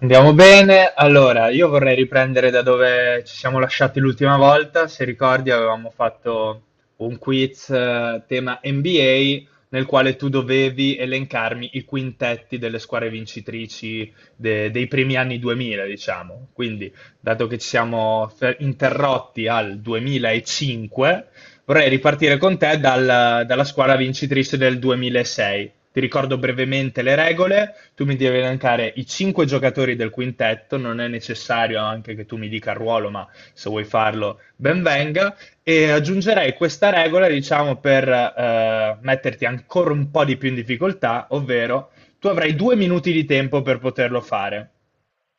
Andiamo bene. Allora, io vorrei riprendere da dove ci siamo lasciati l'ultima volta. Se ricordi, avevamo fatto un quiz tema NBA nel quale tu dovevi elencarmi i quintetti delle squadre vincitrici dei primi anni 2000, diciamo. Quindi, dato che ci siamo interrotti al 2005, vorrei ripartire con te dalla squadra vincitrice del 2006. Ti ricordo brevemente le regole, tu mi devi elencare i cinque giocatori del quintetto, non è necessario anche che tu mi dica il ruolo, ma se vuoi farlo ben venga, e aggiungerei questa regola, diciamo, per metterti ancora un po' di più in difficoltà, ovvero tu avrai due minuti di tempo per poterlo fare.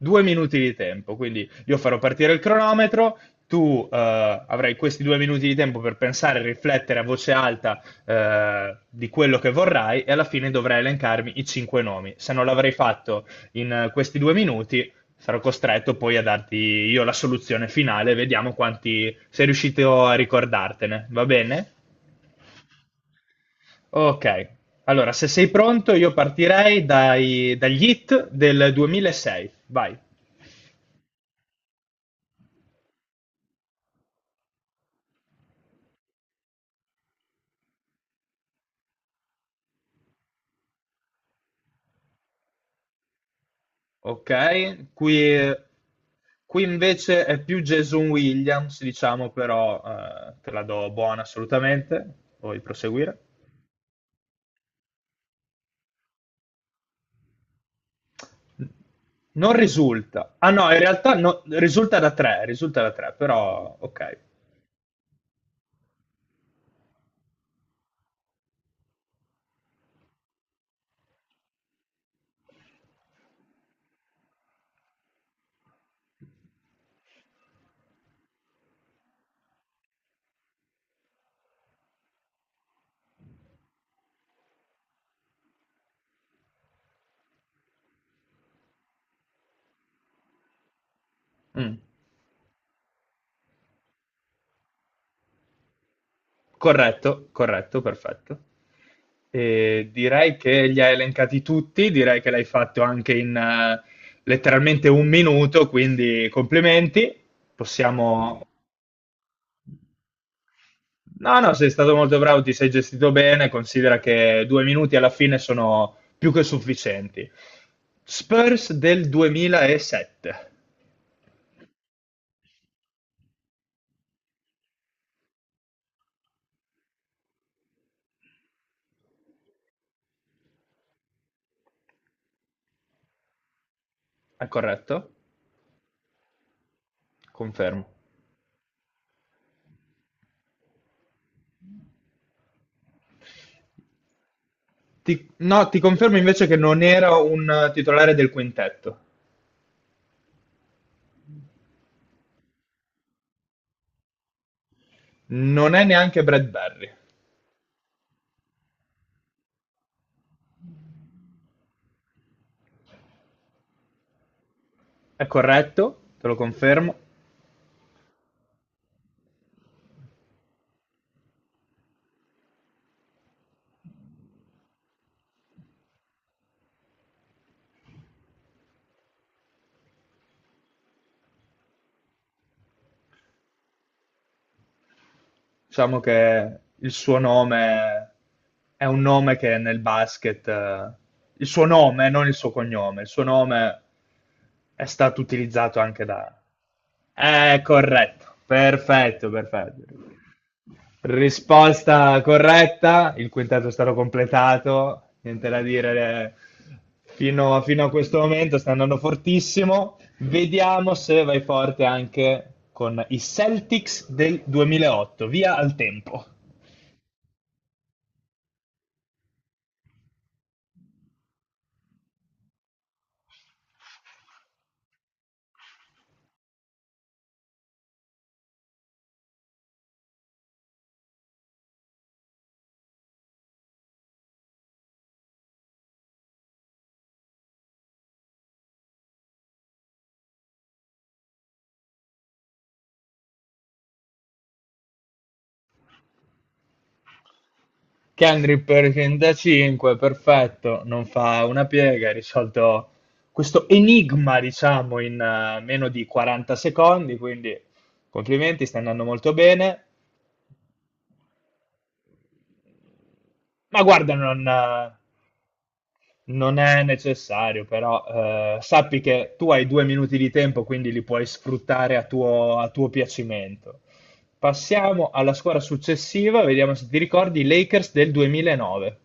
Due minuti di tempo, quindi io farò partire il cronometro, tu avrai questi due minuti di tempo per pensare e riflettere a voce alta di quello che vorrai e alla fine dovrai elencarmi i cinque nomi. Se non l'avrei fatto in questi due minuti, sarò costretto poi a darti io la soluzione finale. Vediamo quanti sei riuscito a ricordartene. Va bene? Ok. Allora, se sei pronto, io partirei dagli hit del 2006. Vai. Ok? Qui, qui invece è più Jason Williams, diciamo, però te la do buona assolutamente. Vuoi proseguire? Non risulta. Ah no, in realtà risulta da tre, però ok. Mm. Corretto, corretto, perfetto. E direi che li hai elencati tutti, direi che l'hai fatto anche in letteralmente un minuto, quindi complimenti. Possiamo No, no, sei stato molto bravo, ti sei gestito bene, considera che due minuti alla fine sono più che sufficienti. Spurs del 2007, è corretto? Confermo. No, ti confermo invece che non era un titolare del quintetto. Non è neanche Brad Barry. È corretto, te lo confermo. Diciamo che il suo nome è un nome che nel basket, il suo nome, non il suo cognome, il suo nome è stato utilizzato anche da è corretto, perfetto, perfetto. Risposta corretta, il quintetto è stato completato, niente da dire, fino a questo momento sta andando fortissimo. Vediamo se vai forte anche con i Celtics del 2008. Via al tempo. Kendrick per 35, perfetto, non fa una piega, ha risolto questo enigma, diciamo, in meno di 40 secondi, quindi complimenti, sta andando molto bene. Ma guarda, non è necessario, però sappi che tu hai due minuti di tempo, quindi li puoi sfruttare a tuo piacimento. Passiamo alla squadra successiva, vediamo se ti ricordi, i Lakers del 2009.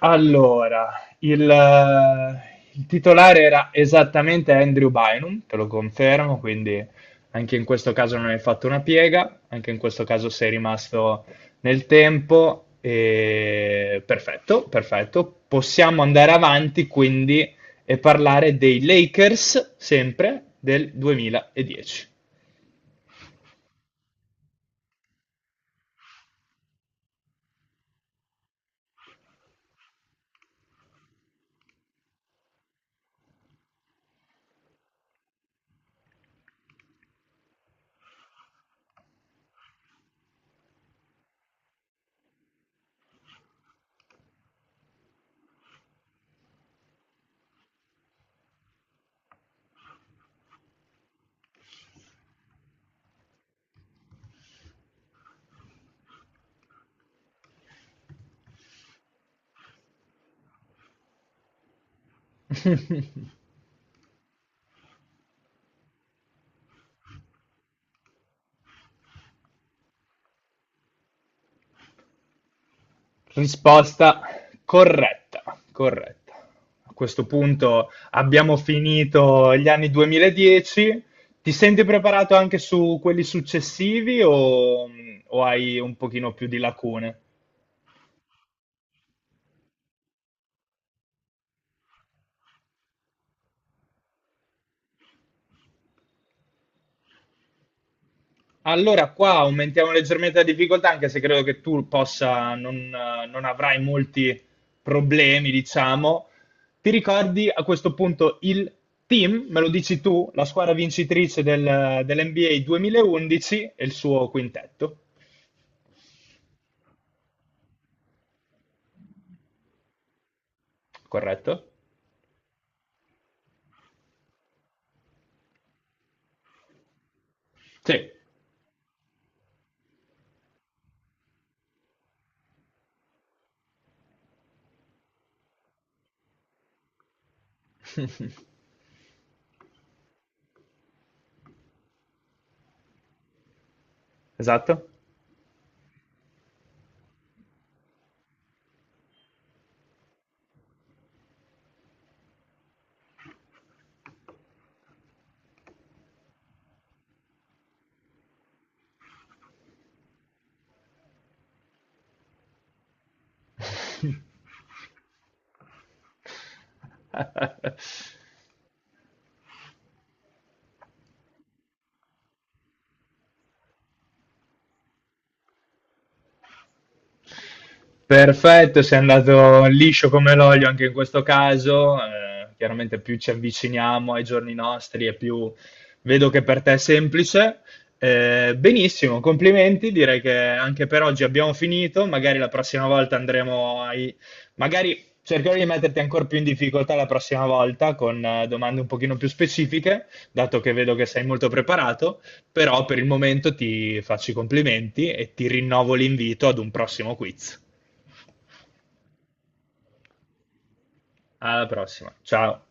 Allora, il, eh, il titolare era esattamente Andrew Bynum, te lo confermo, quindi anche in questo caso non hai fatto una piega, anche in questo caso sei rimasto nel tempo. Perfetto, perfetto. Possiamo andare avanti quindi e parlare dei Lakers sempre del 2010. Risposta corretta, corretta. A questo punto abbiamo finito gli anni 2010. Ti senti preparato anche su quelli successivi o hai un pochino più di lacune? Allora, qua aumentiamo leggermente la difficoltà, anche se credo che tu possa, non avrai molti problemi, diciamo. Ti ricordi a questo punto il team, me lo dici tu, la squadra vincitrice dell'NBA 2011 e il suo quintetto, corretto? Sì. Esatto? Perfetto, sei andato liscio come l'olio anche in questo caso. Eh, chiaramente più ci avviciniamo ai giorni nostri e più vedo che per te è semplice. Benissimo, complimenti. Direi che anche per oggi abbiamo finito. Magari la prossima volta andremo ai... Magari cercherò di metterti ancora più in difficoltà la prossima volta con domande un pochino più specifiche, dato che vedo che sei molto preparato, però per il momento ti faccio i complimenti e ti rinnovo l'invito ad un prossimo quiz. Alla prossima, ciao!